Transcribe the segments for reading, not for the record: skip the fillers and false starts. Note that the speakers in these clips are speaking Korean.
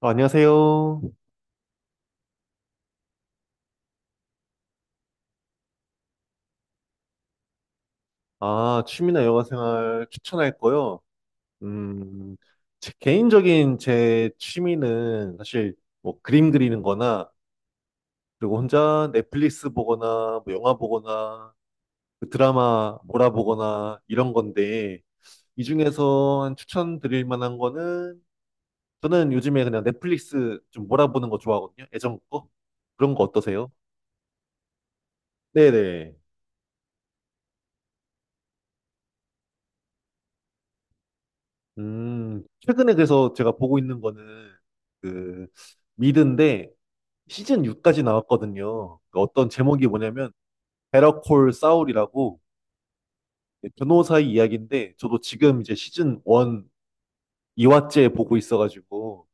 아, 안녕하세요. 아, 취미나 여가 생활 추천할 거요. 음, 제 개인적인 제 취미는 사실 뭐 그림 그리는 거나 그리고 혼자 넷플릭스 보거나 뭐 영화 보거나 그 드라마 몰아보거나 이런 건데 이 중에서 한 추천드릴 만한 거는 저는 요즘에 그냥 넷플릭스 좀 몰아보는 거 좋아하거든요. 예전 거. 그런 거 어떠세요? 네네. 최근에 그래서 제가 보고 있는 거는 그 미드인데 시즌 6까지 나왔거든요. 그 어떤 제목이 뭐냐면 베러콜 사울이라고 변호사의 이야기인데 저도 지금 이제 시즌 1 2화째 보고 있어가지고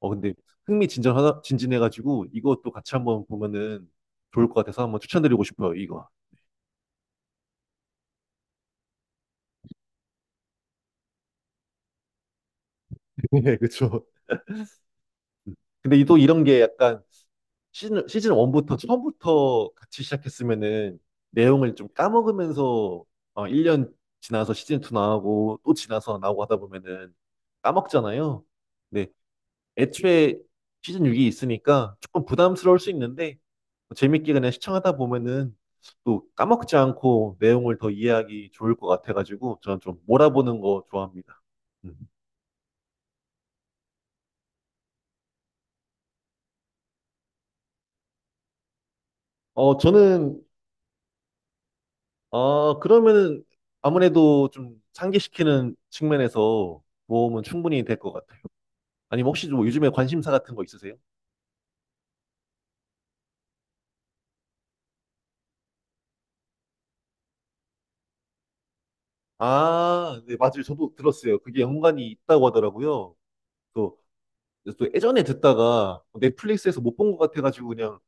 근데 흥미진진하다 진진해가지고 이것도 같이 한번 보면은 좋을 것 같아서 한번 추천드리고 싶어요, 이거. 네, 그쵸. 근데 또 이런 게 약간 시즌 1부터 처음부터 같이 시작했으면은 내용을 좀 까먹으면서 1년 지나서 시즌 2 나오고 또 지나서 나오고 하다 보면은 까먹잖아요. 네. 애초에 시즌 6이 있으니까 조금 부담스러울 수 있는데 뭐 재밌게 그냥 시청하다 보면은 또 까먹지 않고 내용을 더 이해하기 좋을 것 같아가지고 저는 좀 몰아보는 거 좋아합니다. 음. 저는 아, 그러면은 아무래도 좀 상기시키는 측면에서 모험은 충분히 될 것 같아요. 아니면 혹시 뭐 요즘에 관심사 같은 거 있으세요? 아, 네, 맞아요. 저도 들었어요. 그게 연관이 있다고 하더라고요. 또, 또 예전에 듣다가 넷플릭스에서 못 본 것 같아가지고 그냥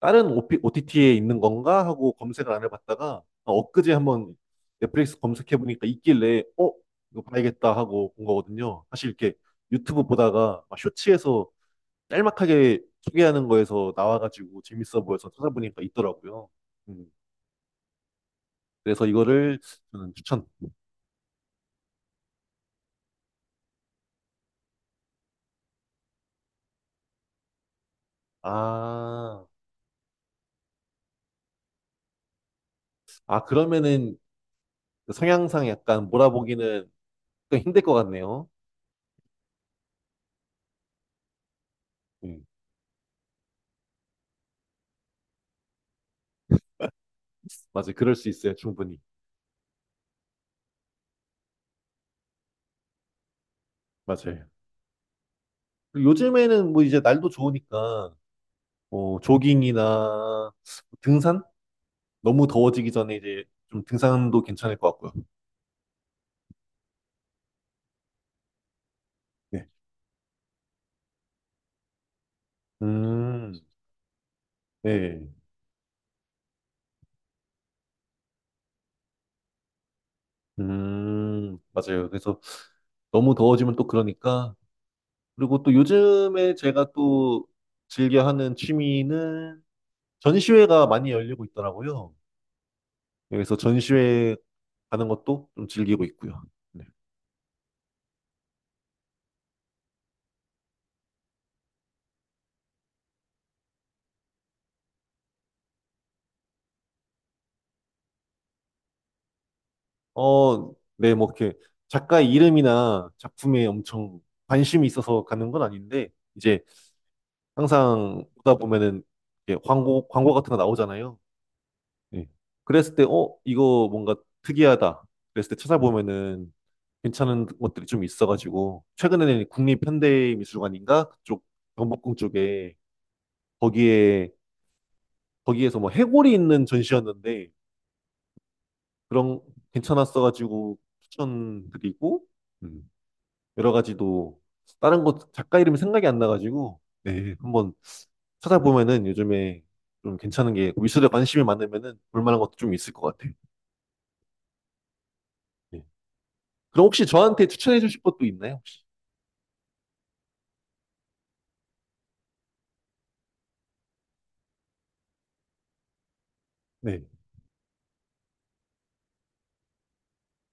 다른 OTT에 있는 건가 하고 검색을 안 해봤다가 엊그제 한번 넷플릭스 검색해보니까 있길래 어? 이거 봐야겠다 하고 본 거거든요. 사실 이렇게 유튜브 보다가 막 쇼츠에서 짤막하게 소개하는 거에서 나와가지고 재밌어 보여서 찾아보니까 있더라고요. 음, 그래서 이거를 저는 추천. 아, 아, 그러면은 그 성향상 약간 몰아보기는 좀 힘들 것 같네요. 음, 맞아요. 그럴 수 있어요. 충분히. 맞아요. 그리고 요즘에는 뭐 이제 날도 좋으니까 뭐 조깅이나 뭐 등산? 너무 더워지기 전에 이제 좀 등산도 괜찮을 것 같고요. 네. 음, 네. 맞아요. 그래서 너무 더워지면 또 그러니까. 그리고 또 요즘에 제가 또 즐겨 하는 취미는 전시회가 많이 열리고 있더라고요. 그래서 전시회 가는 것도 좀 즐기고 있고요. 네. 네, 뭐 이렇게 작가의 이름이나 작품에 엄청 관심이 있어서 가는 건 아닌데, 이제 항상 보다 보면은 이렇게 광고 같은 거 나오잖아요. 예. 그랬을 때, 이거 뭔가 특이하다. 그랬을 때 찾아보면은 괜찮은 것들이 좀 있어가지고, 최근에는 국립현대미술관인가? 그쪽, 경복궁 쪽에, 거기에, 거기에서 뭐 해골이 있는 전시였는데, 그런, 괜찮았어가지고 추천드리고, 음, 여러 가지도, 다른 곳, 작가 이름이 생각이 안 나가지고, 네, 한번 찾아보면은 요즘에 좀 괜찮은 게, 미술에 관심이 많으면은 볼만한 것도 좀 있을 것 같아요. 네. 그럼 혹시 저한테 추천해 주실 것도 있나요, 혹시? 네.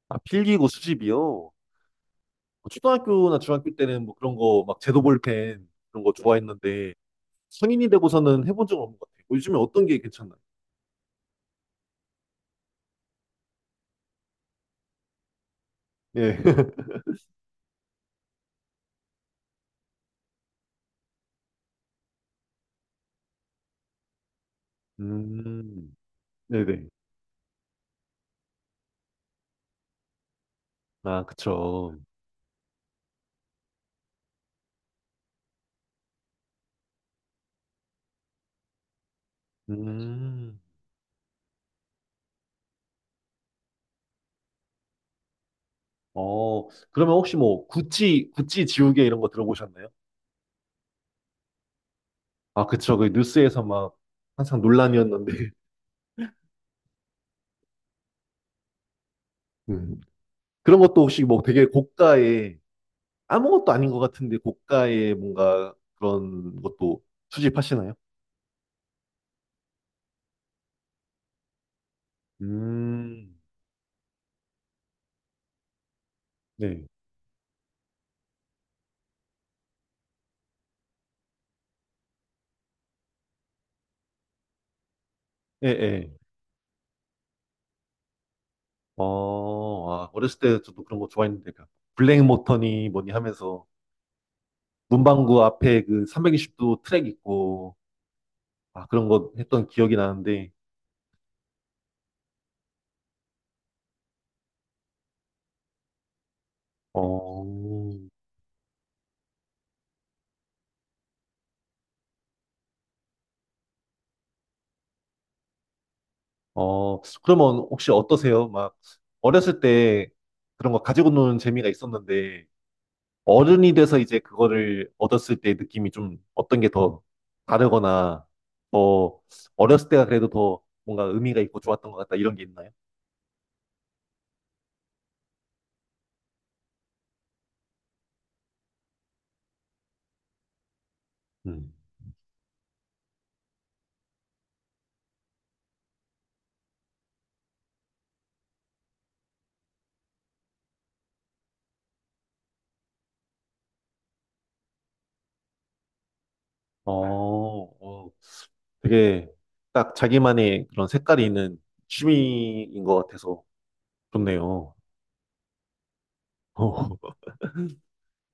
아, 필기고 수집이요? 뭐 초등학교나 중학교 때는 뭐 그런 거, 막 제도 볼펜 그런 거 좋아했는데, 성인이 되고서는 해본 적은 없는 것 같아요. 뭐 요즘에 어떤 게 괜찮나요? 예. 음, 네네. 아, 그쵸. 음, 그러면 혹시 뭐, 구찌 지우개 이런 거 들어보셨나요? 아, 그쵸. 그 뉴스에서 막 항상 논란이었는데. 음. 그런 것도 혹시 뭐 되게 고가의 아무것도 아닌 것 같은데 고가의 뭔가 그런 것도 수집하시나요? 음, 네. 예, 예. 어렸을 때 저도 그런 거 좋아했는데, 그 블랙 모터니 뭐니 하면서 문방구 앞에 그 320도 트랙 있고, 아, 그런 거 했던 기억이 나는데, 어, 그러면 혹시 어떠세요? 막, 어렸을 때 그런 거 가지고 노는 재미가 있었는데, 어른이 돼서 이제 그거를 얻었을 때 느낌이 좀 어떤 게 더 다르거나 더 어렸을 때가 그래도 더 뭔가 의미가 있고 좋았던 것 같다 이런 게 있나요? 음. 어, 어, 되게 딱 자기만의 그런 색깔이 있는 취미인 것 같아서 좋네요. 어,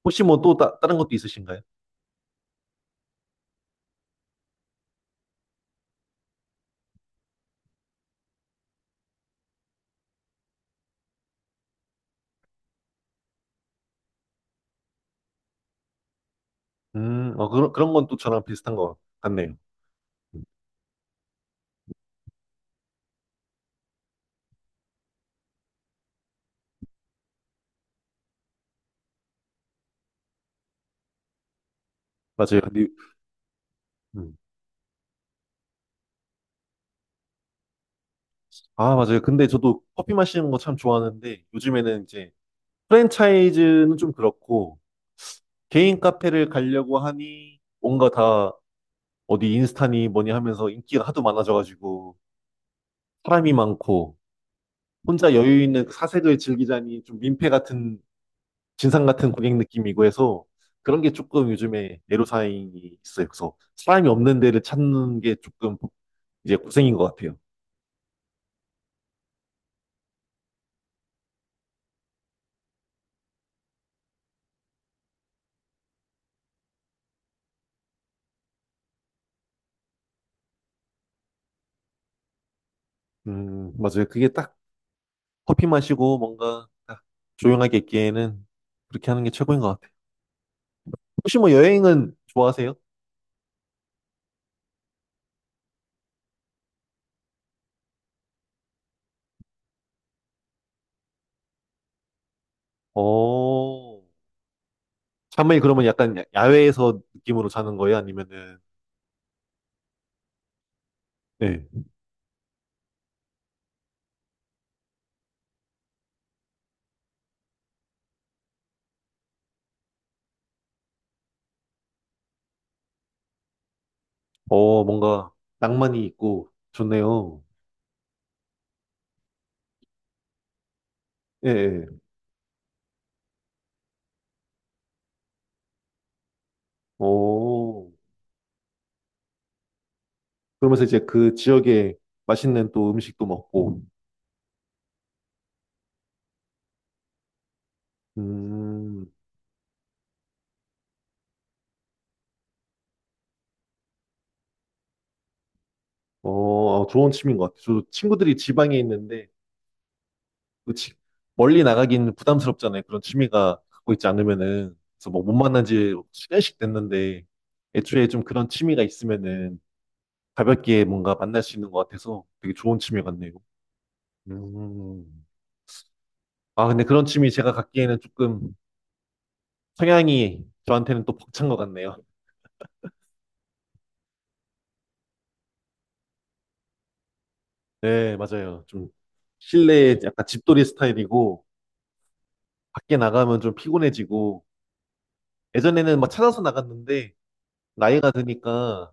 혹시 뭐 또 다른 것도 있으신가요? 그런 건 또 저랑 비슷한 것 같네요. 맞아요. 근데, 음. 아, 맞아요. 근데 저도 커피 마시는 거 참 좋아하는데 요즘에는 이제 프랜차이즈는 좀 그렇고, 개인 카페를 가려고 하니, 뭔가 다 어디 인스타니 뭐니 하면서 인기가 하도 많아져가지고, 사람이 많고, 혼자 여유 있는 그 사색을 즐기자니 좀 민폐 같은, 진상 같은 고객 느낌이고 해서, 그런 게 조금 요즘에 애로사항이 있어요. 그래서 사람이 없는 데를 찾는 게 조금 이제 고생인 것 같아요. 맞아요. 그게 딱 커피 마시고 뭔가 딱 조용하게 있기에는 그렇게 하는 게 최고인 것 같아요. 혹시 뭐 여행은 좋아하세요? 어, 샤머이 그러면 약간 야외에서 느낌으로 자는 거예요? 아니면은, 네. 뭔가 낭만이 있고 좋네요. 예, 예. 오, 그러면서 이제 그 지역에 맛있는 또 음식도 먹고, 음, 좋은 취미인 것 같아요. 저도 친구들이 지방에 있는데, 그 지- 멀리 나가긴 부담스럽잖아요. 그런 취미가 갖고 있지 않으면은. 그래서 뭐 못 만난 지 시간씩 됐는데, 애초에 좀 그런 취미가 있으면은 가볍게 뭔가 만날 수 있는 것 같아서 되게 좋은 취미 같네요. 음. 아, 근데 그런 취미 제가 갖기에는 조금 성향이 저한테는 또 벅찬 것 같네요. 네, 맞아요. 좀 실내에 약간 집돌이 스타일이고 밖에 나가면 좀 피곤해지고 예전에는 막 찾아서 나갔는데 나이가 드니까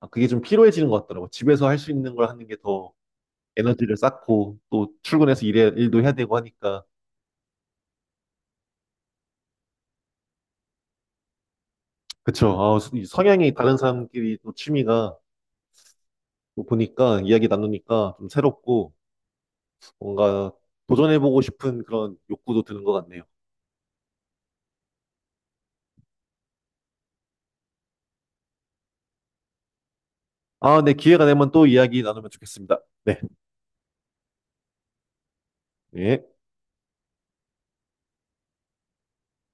아, 그게 좀 피로해지는 것 같더라고요. 집에서 할 수 있는 걸 하는 게 더 에너지를 쌓고 또 출근해서 일도 해야 되고 하니까. 그쵸. 아, 이 성향이 다른 사람끼리 또 취미가 뭐 보니까 이야기 나누니까 좀 새롭고 뭔가 도전해보고 싶은 그런 욕구도 드는 것 같네요. 아, 네, 기회가 되면 또 이야기 나누면 좋겠습니다. 네, 네.